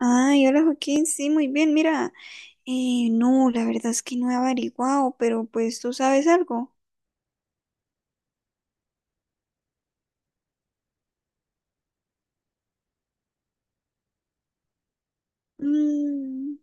Ay, hola Joaquín, sí, muy bien, mira, no, la verdad es que no he averiguado, pero pues tú sabes algo. Mm,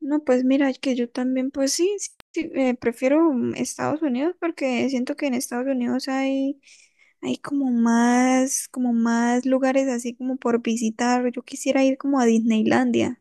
no, pues mira, que yo también, pues sí, sí, sí, prefiero Estados Unidos porque siento que en Estados Unidos hay como más lugares así como por visitar. Yo quisiera ir como a Disneylandia.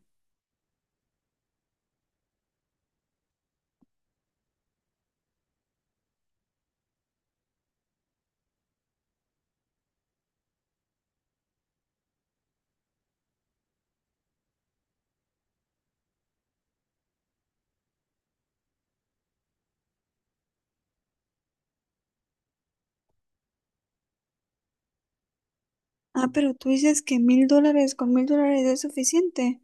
Ah, pero tú dices que $1000, con $1000 es suficiente.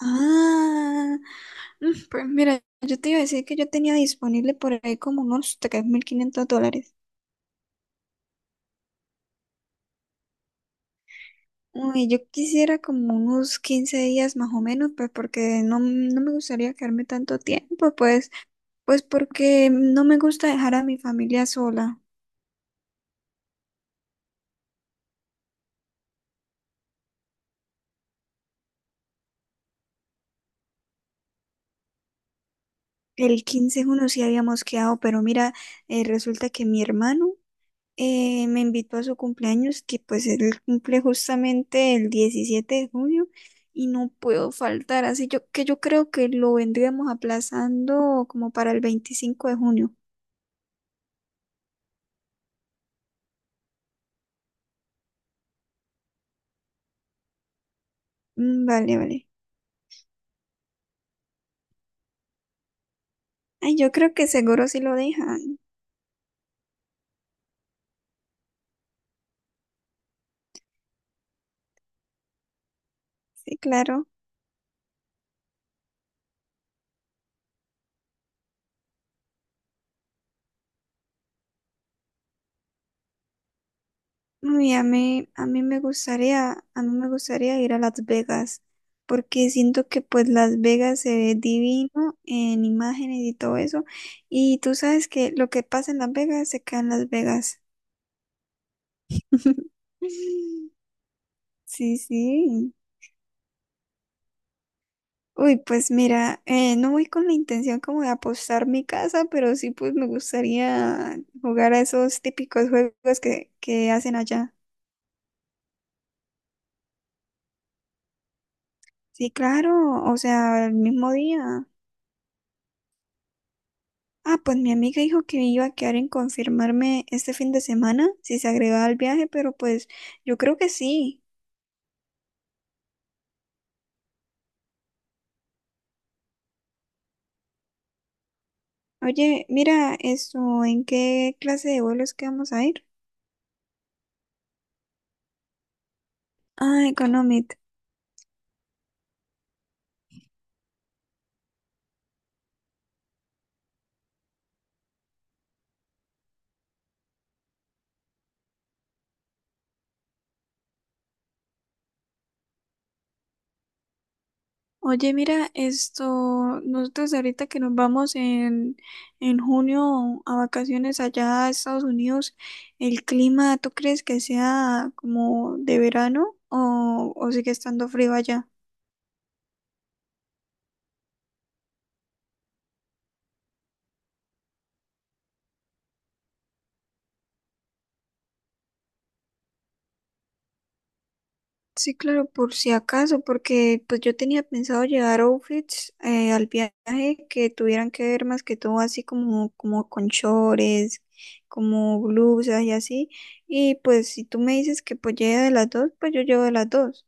Ah, pues mira, yo te iba a decir que yo tenía disponible por ahí como unos $3500. Uy, yo quisiera como unos 15 días más o menos, pues porque no me gustaría quedarme tanto tiempo, pues, pues porque no me gusta dejar a mi familia sola. El quince es uno sí habíamos quedado, pero mira, resulta que mi hermano me invitó a su cumpleaños, que pues él cumple justamente el 17 de junio y no puedo faltar, así yo, que yo creo que lo vendríamos aplazando como para el 25 de junio. Mm, vale, vale. Ay, yo creo que seguro sí lo dejan. Sí, claro. Uy, a mí me gustaría ir a Las Vegas, porque siento que pues Las Vegas se ve divino en imágenes y todo eso. Y tú sabes que lo que pasa en Las Vegas se queda en Las Vegas. Sí, sí. Uy, pues mira, no voy con la intención como de apostar mi casa, pero sí pues me gustaría jugar a esos típicos juegos que hacen allá. Sí, claro, o sea, el mismo día. Ah, pues mi amiga dijo que iba a quedar en confirmarme este fin de semana si se agregaba al viaje, pero pues yo creo que sí. Oye, mira, esto, ¿en qué clase de vuelos que vamos a ir? Ah, económico. Oye, mira, esto, nosotros ahorita que nos vamos en junio a vacaciones allá a Estados Unidos, ¿el clima tú crees que sea como de verano o sigue estando frío allá? Sí, claro, por si acaso, porque pues yo tenía pensado llevar outfits al viaje que tuvieran que ver más que todo así como, como con chores, como blusas y así. Y pues si tú me dices que pues lleve de las dos, pues yo llevo de las dos.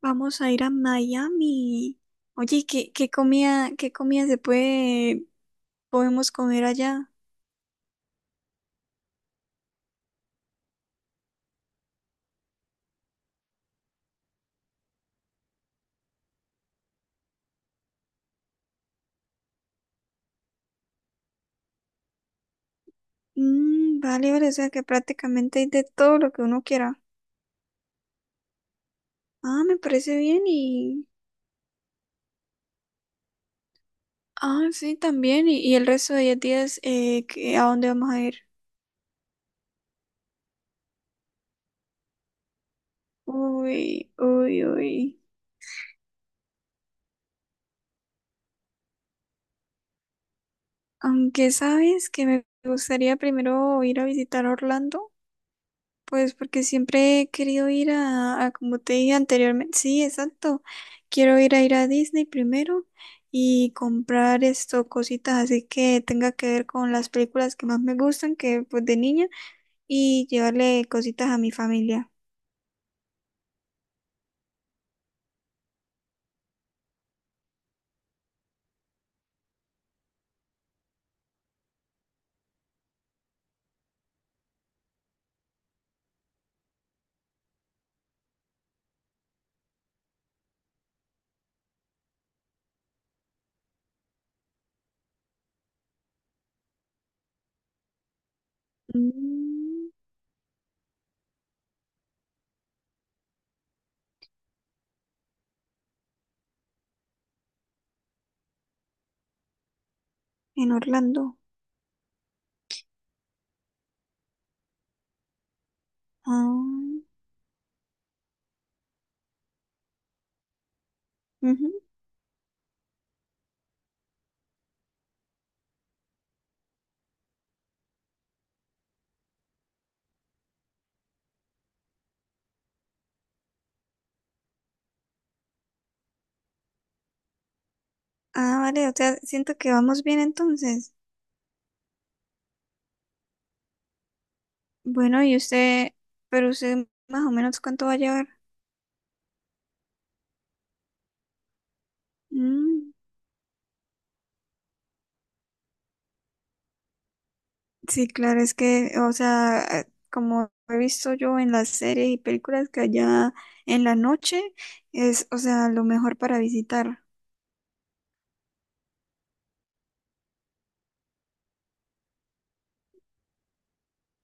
Vamos a ir a Miami. Oye, ¿qué comida, qué comida podemos comer allá? Mm, vale, vale, o sea que prácticamente hay de todo lo que uno quiera. Ah, me parece bien y... Ah, sí, también. Y el resto de 10 días, ¿qué- ¿a dónde vamos a ir? Uy, uy, uy. Aunque sabes que me gustaría primero ir a visitar Orlando. Pues porque siempre he querido ir a, como te dije anteriormente, sí, exacto. Quiero ir a Disney primero y comprar esto, cositas así que tenga que ver con las películas que más me gustan, que pues de niña, y llevarle cositas a mi familia. Mm, en Orlando. Ah, ujú. Ah, vale, o sea, siento que vamos bien entonces. Bueno, y usted, pero usted más o menos cuánto va a llevar. Mm. Sí, claro, es que, o sea, como he visto yo en las series y películas que allá en la noche es, o sea, lo mejor para visitar.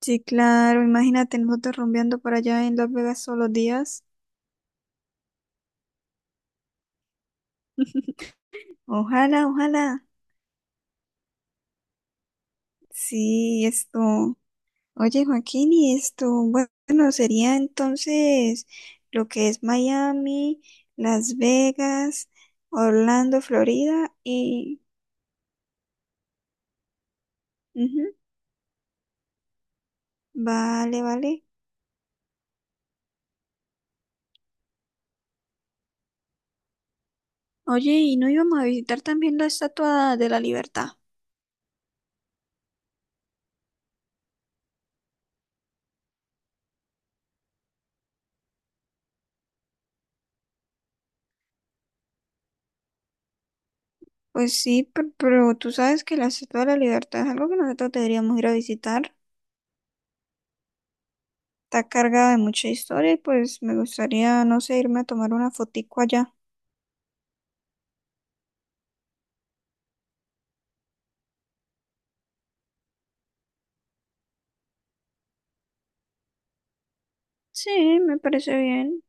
Sí, claro, imagínate nosotros rumbeando por allá en Las Vegas todos los días. Ojalá, ojalá. Sí, esto. Oye, Joaquín, y esto, bueno, sería entonces lo que es Miami, Las Vegas, Orlando, Florida y... Ujú, vale, vale. Oye, ¿y no íbamos a visitar también la Estatua de la Libertad? Pues sí, pe- pero, tú sabes que la Estatua de la Libertad es algo que nosotros deberíamos ir a visitar. Está cargada de mucha historia y pues me gustaría, no sé, irme a tomar una fotico allá. Sí, me parece bien.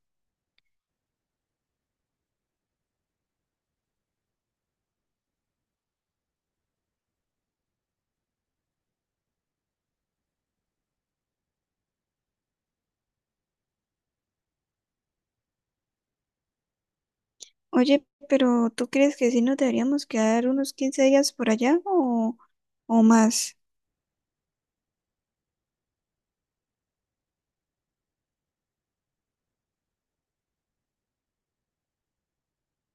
Oye, pero ¿tú crees que sí nos deberíamos quedar unos 15 días por allá o más?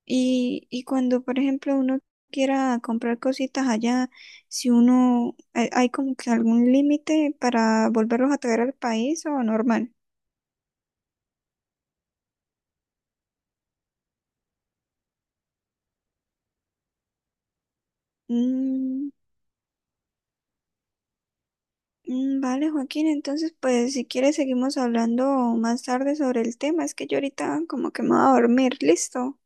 Y cuando, por ejemplo, uno quiera comprar cositas allá, si uno, hay como que algún límite para volverlos a traer al país o normal. Mm, vale, Joaquín, entonces, pues si quieres seguimos hablando más tarde sobre el tema. Es que yo ahorita como que me voy a dormir, listo.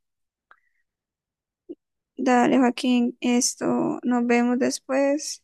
Dale, Joaquín, esto, nos vemos después.